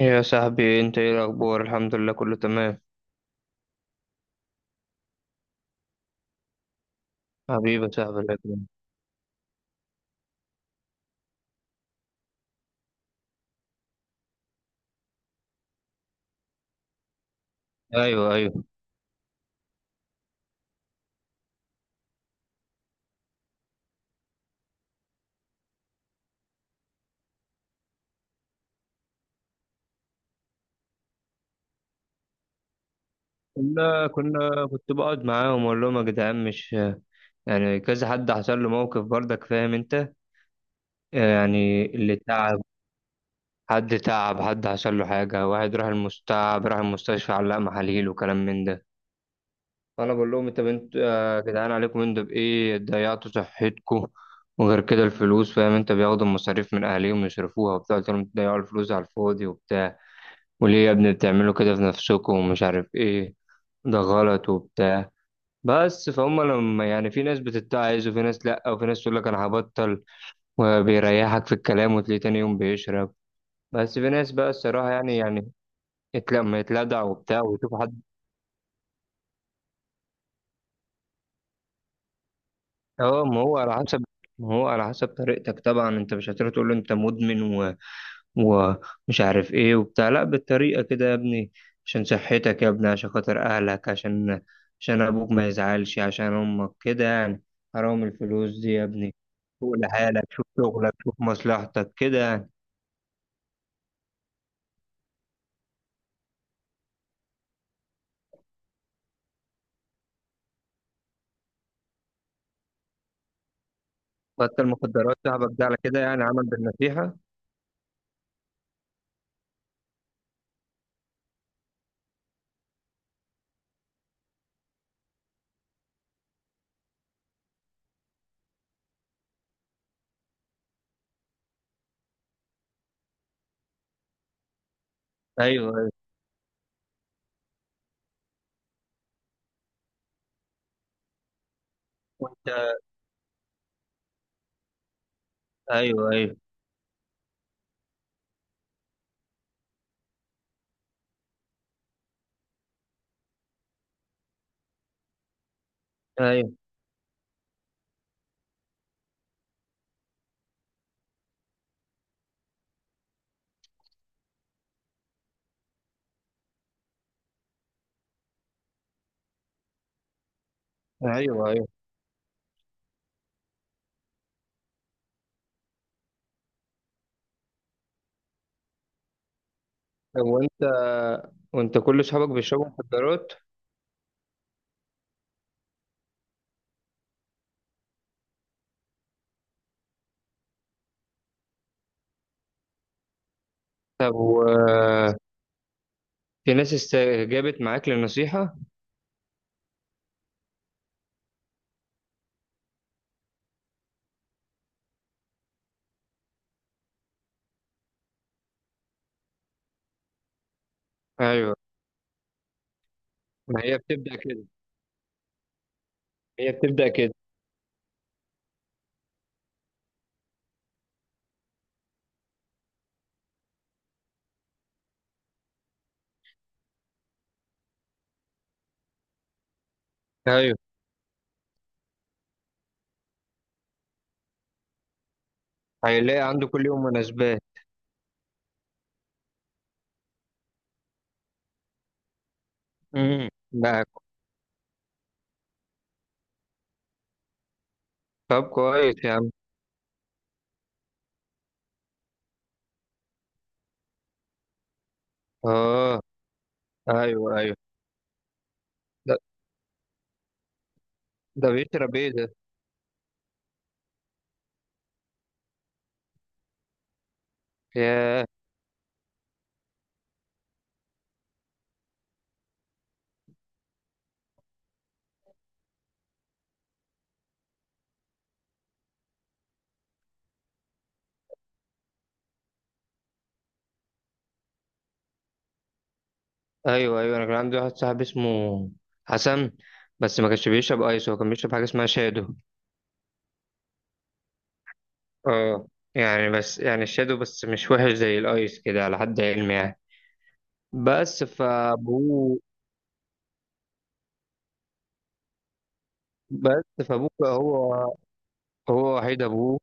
يا صاحبي، انت ايه الاخبار؟ الحمد لله، كله تمام. حبيبي يا صاحبي، الله يكرمك. ايوه، ايوه. كنا كنا كنت بقعد معاهم واقول لهم: يا جدعان، مش يعني كذا حد حصل له موقف؟ برضك فاهم انت، يعني اللي تعب. حد تعب، حد حصل له حاجه، واحد راح المستشفى، علق محاليل وكلام من ده. فانا بقول لهم: انت بنت يا جدعان، عليكم، انتوا بايه ضيعتوا صحتكم؟ وغير كده الفلوس، فاهم انت، بياخدوا المصاريف من اهاليهم يصرفوها وبتاع. قلت لهم: تضيعوا الفلوس على الفاضي وبتاع؟ وليه يا ابني بتعملوا كده في نفسكم ومش عارف ايه؟ ده غلط وبتاع. بس فهم، لما يعني في ناس بتتعظ، وفي ناس لا، وفي ناس تقول لك انا هبطل وبيريحك في الكلام، وتلاقيه تاني يوم بيشرب. بس في ناس بقى، الصراحة، يعني لما يتلدع وبتاع ويشوف حد. اه، ما هو على حسب طريقتك. طبعا انت مش هتروح تقول له: انت مدمن ومش عارف ايه وبتاع. لا، بالطريقة كده يا ابني، عشان صحتك يا ابني، عشان خاطر اهلك، عشان ابوك ما يزعلش، عشان امك كده يعني. حرام الفلوس دي يا ابني. شوف لحالك، شوف شغلك، شوف مصلحتك كده يعني. حتى المخدرات صاحبك ده على كده، يعني عمل بالنصيحة. ايوه، ايوه. وانت. ايوه، ايوه. ايوه، ايوه. ايوه. طب وانت. كل اصحابك بيشربوا مخدرات؟ طب و. في ناس استجابت معاك للنصيحة؟ ايوه. ما هي بتبدأ كده، هي بتبدأ كده. ايوه. هيلاقي عنده كل يوم مناسبات. ده. طب كويس يا عم. اه. ايوه، ايوه. ده بيشرب ايه ده؟ ياه. ايوه، ايوه، انا كان عندي واحد صاحبي اسمه حسن. بس ما كانش بيشرب ايس، هو كان بيشرب حاجه اسمها شادو. اه. يعني بس، يعني الشادو بس مش وحش زي الايس كده، على حد علمي يعني. بس فابوه بس فابوه بقى، هو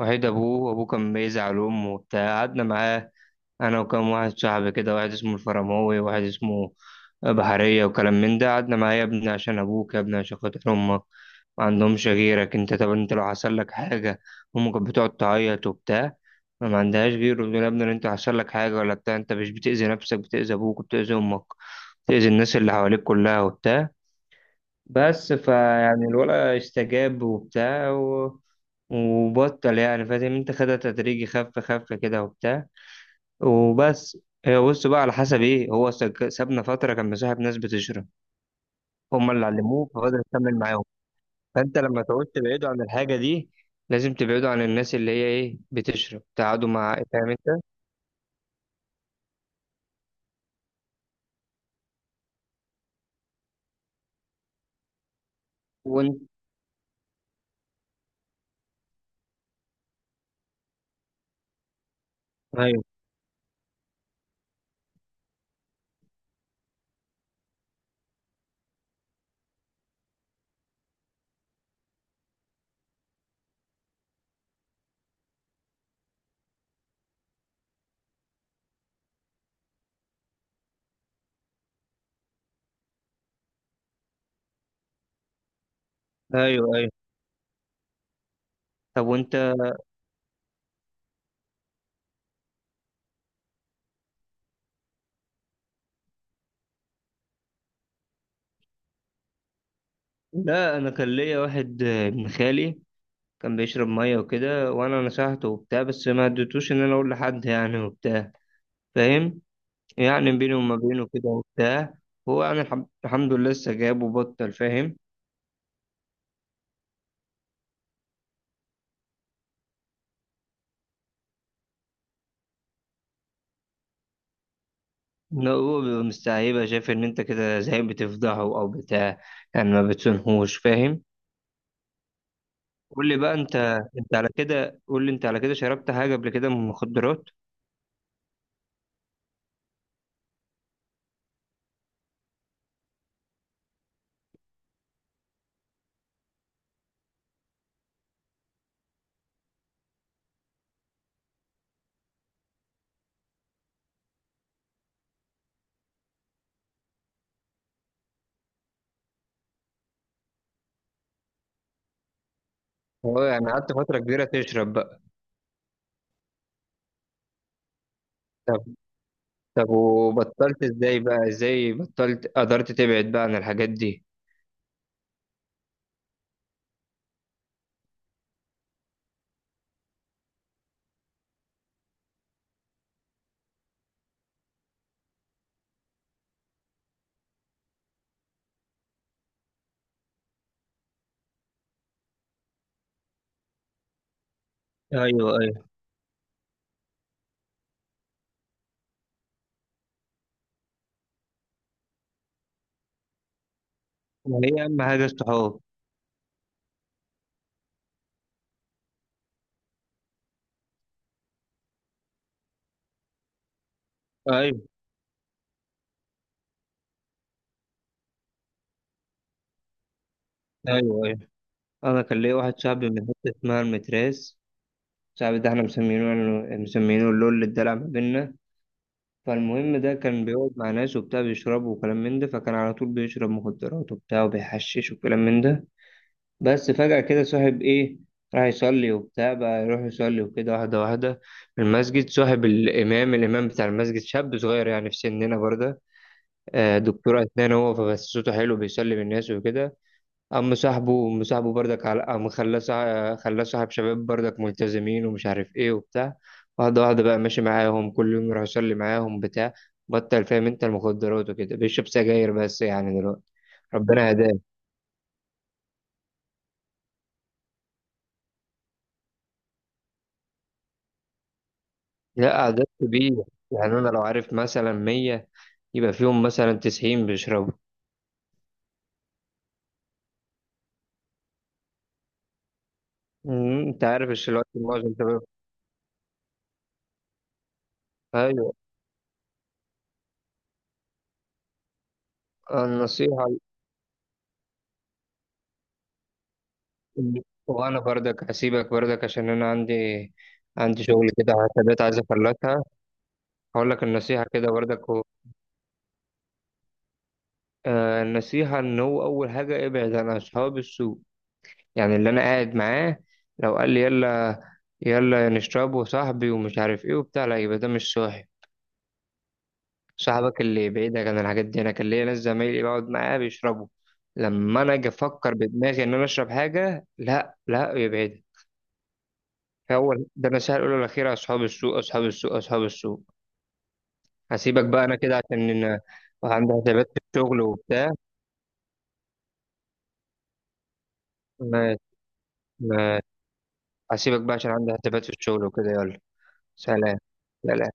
وحيد ابوه، وابوه كان بيزعل امه وبتاع. قعدنا معاه انا وكم واحد صاحبي كده، واحد اسمه الفرماوي وواحد اسمه بحرية وكلام من ده. قعدنا معاه: يا ابني عشان ابوك، يا ابني عشان خاطر امك، ما عندهمش غيرك انت، طب انت لو حصل لك حاجة؟ امك كانت بتقعد تعيط وبتاع، ما عندهاش غيره، بتقول: يا ابني لو انت حصل لك حاجة ولا بتاع، انت مش بتأذي نفسك، بتأذي ابوك وبتأذي امك، بتأذي الناس اللي حواليك كلها وبتاع. بس فيعني الولد استجاب وبتاع و. وبطل يعني، فاهم انت، خدها تدريجي، خف خف كده وبتاع. وبس. هي بص بقى على حسب ايه، هو سابنا فتره، كان مصاحب ناس بتشرب، هم اللي علموه فبدأ يكمل معاهم. فانت لما تعوز تبعده عن الحاجه دي، لازم تبعده عن الناس اللي هي ايه بتشرب تقعدوا مع، فاهم انت. وانت. ايوه، ايوه، ايوه. طب وانت. لا، انا كان ليا واحد ابن خالي كان بيشرب ميه وكده، وانا نصحته وبتاع، بس ما اديتوش ان انا اقول لحد يعني وبتاع، فاهم. يعني بيني وما بينه كده وبتاع. هو يعني الحمد لله لسه جاب وبطل، فاهم. لا، هو بيبقى مستعيبة، شايف إن أنت كده زي بتفضحه أو بتاع، يعني ما بتسنهوش، فاهم. قول لي بقى أنت. أنت على كده قول لي أنت على كده شربت حاجة قبل كده من المخدرات؟ أه، يعني قعدت فترة كبيرة تشرب بقى؟ طب، طب، وبطلت إزاي بطلت قدرت تبعد بقى عن الحاجات دي؟ أيوه، أيوه. ما هي أهم حاجة الصحاب. أيوه، أيوه، أيوه. أنا كان ليا واحد صاحبي من حتة اسمها المتراس. صاحبي ده احنا مسمينه مسمينه اللول، اللي اتدلع ما بينا. فالمهم، ده كان بيقعد مع ناس وبتاع بيشربوا وكلام من ده، فكان على طول بيشرب مخدرات وبتاع وبيحشش وكلام من ده. بس فجأة كده صاحب إيه، راح يصلي وبتاع، بقى يروح يصلي وكده، واحدة واحدة، في المسجد صاحب الإمام بتاع المسجد، شاب صغير يعني في سننا برضه، دكتور أسنان هو، فبس صوته حلو، بيصلي بالناس وكده. قام صاحبه بردك، على قام خلاه صاحب شباب بردك ملتزمين ومش عارف ايه وبتاع. واحدة واحدة بقى ماشي معاهم، كل يوم يروح يصلي معاهم بتاع، بطل فاهم انت المخدرات وكده، بيشرب سجاير بس يعني دلوقتي. ربنا هداه. لا، عدد كبير. يعني انا لو عارف مثلا 100، يبقى فيهم مثلا 90 بيشربوا. انت عارف الوقت معظم شباب. ايوه، النصيحة. وانا بردك هسيبك بردك، عشان انا عندي شغل كده، حسابات عايز اخلصها. هقول لك النصيحة كده برضك، هو. النصيحة إن هو أول حاجة ابعد عن أصحاب السوء. يعني اللي أنا قاعد معاه لو قال لي يلا، يلا نشرب وصاحبي ومش عارف إيه وبتاع، لا، يبقى ده مش صاحب. صاحبك اللي بعيدك عن الحاجات دي. أنا كان ليا ناس زمايلي بقعد معاه بيشربوا، لما أنا أجي أفكر بدماغي إن أنا أشرب حاجة، لا لا، يبعد. هو ده النصيحة الأولى والأخيرة: أصحاب السوء، أصحاب السوء، أصحاب السوء. هسيبك بقى أنا كده، عندي حسابات في الشغل وبتاع. ما- ما- هسيبك بقى عشان عندي حسابات في الشغل وكده، يلا. سلام. سلام.